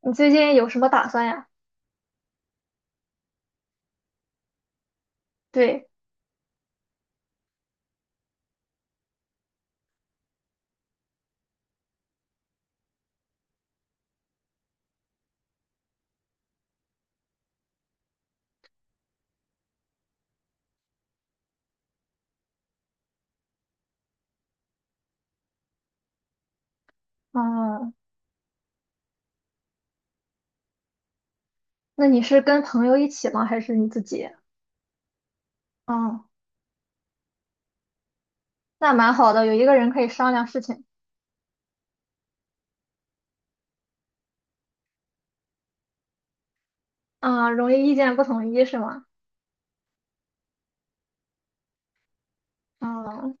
你最近有什么打算呀？对，嗯，那你是跟朋友一起吗？还是你自己？嗯，那蛮好的，有一个人可以商量事情。啊、容易意见不统一是吗？嗯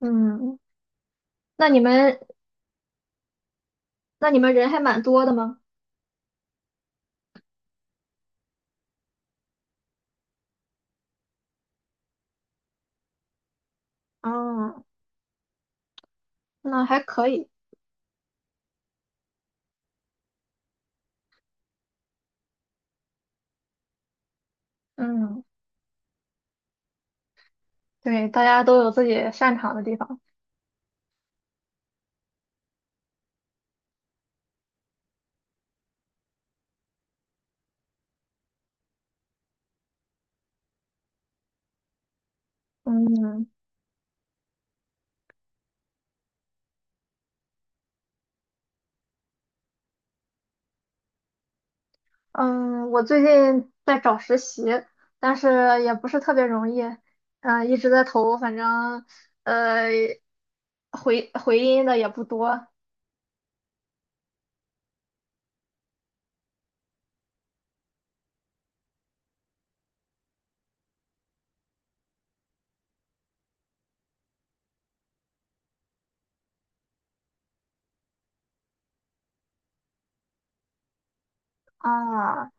嗯，那你们那你们人还蛮多的吗？嗯，那还可以。嗯，对，大家都有自己擅长的地方。嗯。嗯，我最近在找实习，但是也不是特别容易，嗯、一直在投，反正呃，回音的也不多啊，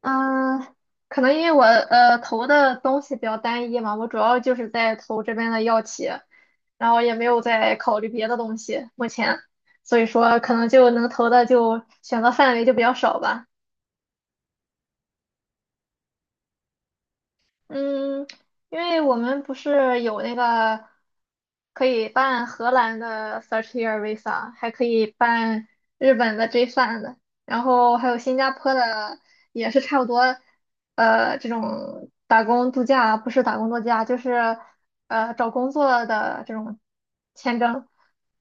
嗯，可能因为我投的东西比较单一嘛，我主要就是在投这边的药企，然后也没有在考虑别的东西，目前，所以说可能就能投的就选择范围就比较少吧。嗯，因为我们不是有那个可以办荷兰的 First Year Visa，还可以办日本的 J3 的，然后还有新加坡的，也是差不多，这种打工度假不是打工度假，就是找工作的这种签证，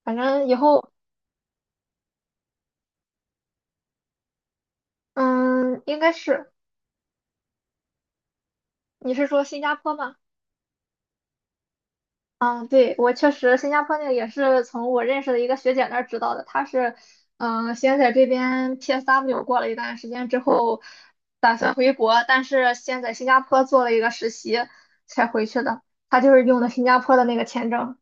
反正以后嗯应该是你是说新加坡吗？嗯，对，我确实，新加坡那个也是从我认识的一个学姐那儿知道的。她是，嗯、先在这边 PSW 过了一段时间之后，打算回国，但是先在新加坡做了一个实习才回去的。她就是用的新加坡的那个签证。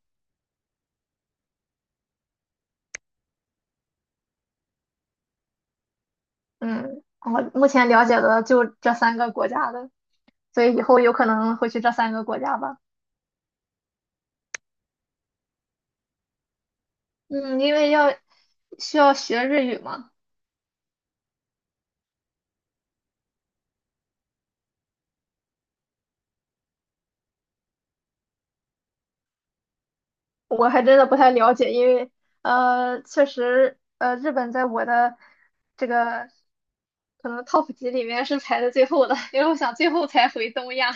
嗯，我目前了解的就这三个国家的，所以以后有可能会去这三个国家吧。嗯，因为需要学日语嘛。我还真的不太了解，因为确实日本在我的这个可能 top 级里面是排在最后的，因为我想最后才回东亚，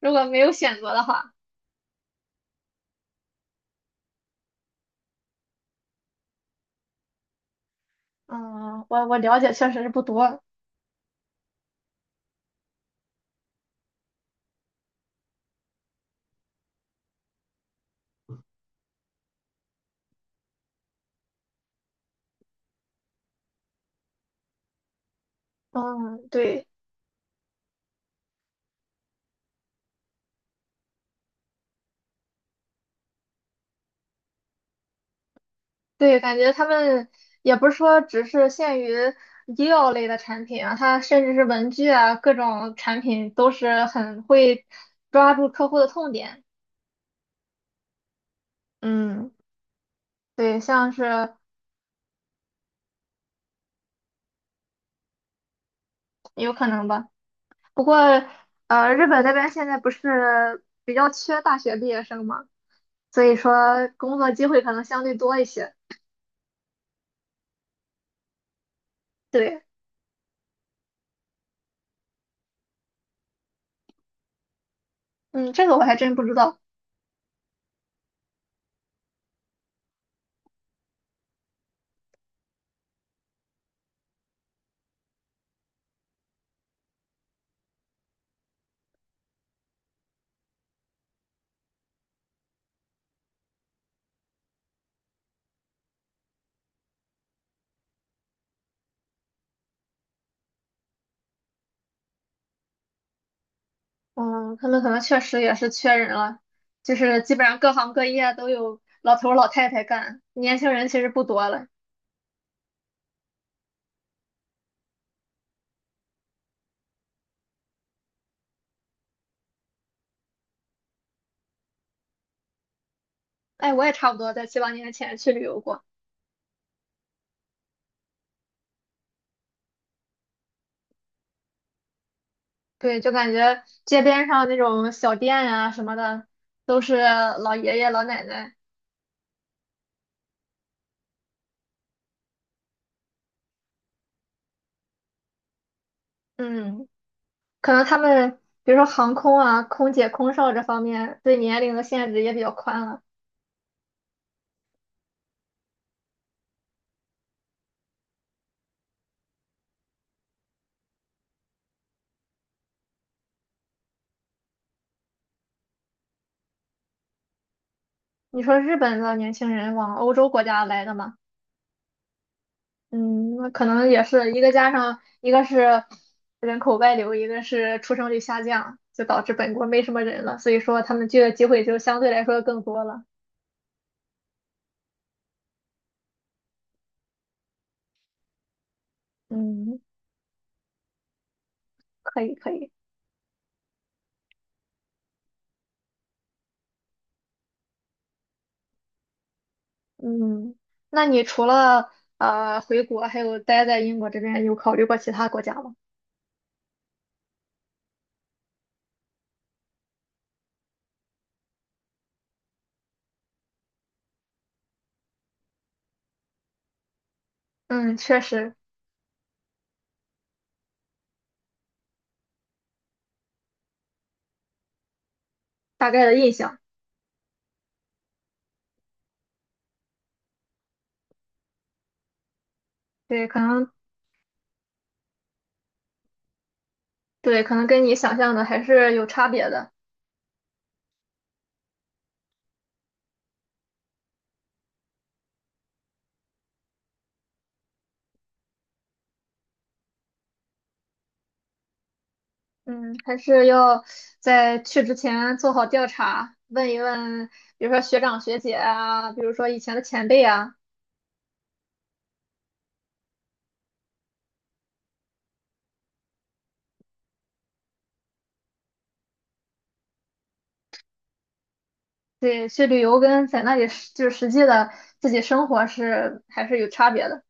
如果没有选择的话，嗯，我了解确实是不多，嗯，对对，感觉他们也不是说只是限于医药类的产品啊，它甚至是文具啊，各种产品都是很会抓住客户的痛点，嗯，对，像是有可能吧。不过，日本那边现在不是比较缺大学毕业生嘛，所以说工作机会可能相对多一些。对，嗯，这个我还真不知道。嗯，他们可能确实也是缺人了，就是基本上各行各业都有老头儿老太太干，年轻人其实不多了。哎，我也差不多在七八年前去旅游过，对，就感觉街边上那种小店呀、什么的，都是老爷爷老奶奶。嗯。可能他们比如说航空啊、空姐、空少这方面对年龄的限制也比较宽了。你说日本的年轻人往欧洲国家来的嘛，嗯，那可能也是一个加上一个是人口外流，一个是出生率下降，就导致本国没什么人了，所以说他们就业机会就相对来说更多了。嗯，可以可以，嗯，那你除了回国，还有待在英国这边，有考虑过其他国家吗？嗯，确实，大概的印象。对，可能跟你想象的还是有差别的。嗯，还是要在去之前做好调查，问一问，比如说学长学姐啊，比如说以前的前辈啊，对，去旅游跟在那里就是实际的自己生活是还是有差别的。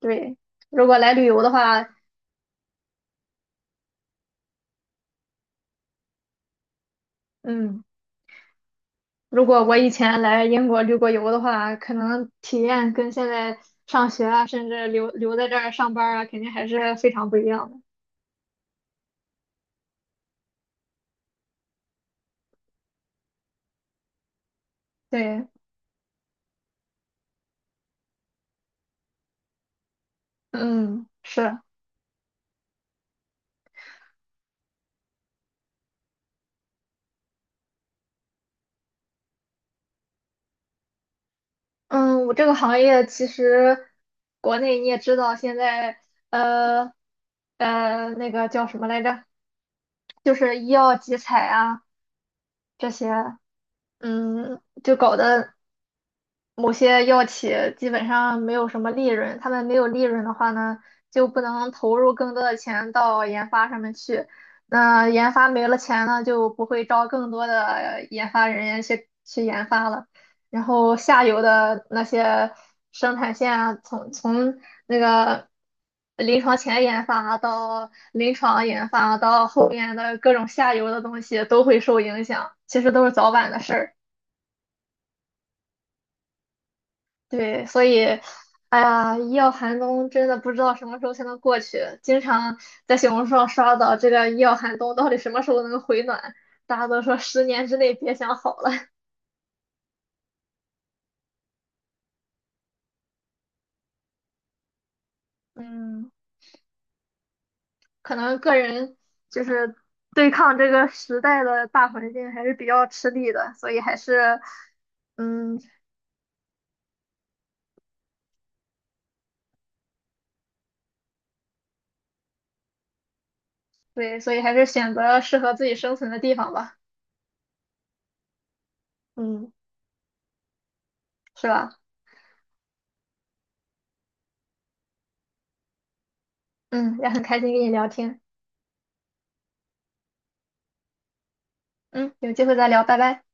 对，如果来旅游的话，嗯，如果我以前来英国旅过游的话，可能体验跟现在上学啊，甚至留在这儿上班儿啊，肯定还是非常不一样的。对，嗯，是。嗯，我这个行业其实国内你也知道，现在呃那个叫什么来着，就是医药集采啊这些，嗯，就搞得某些药企基本上没有什么利润，他们没有利润的话呢，就不能投入更多的钱到研发上面去。那研发没了钱呢，就不会招更多的研发人员去研发了。然后下游的那些生产线啊，从那个临床前研发到临床研发到后面的各种下游的东西都会受影响，其实都是早晚的事儿。对，所以，哎呀，医药寒冬真的不知道什么时候才能过去。经常在小红书上刷到这个医药寒冬到底什么时候能回暖，大家都说10年之内别想好了。嗯，可能个人就是对抗这个时代的大环境还是比较吃力的，所以还是，嗯，对，所以还是选择适合自己生存的地方吧。嗯，是吧？嗯，也很开心跟你聊天。嗯，有机会再聊，拜拜。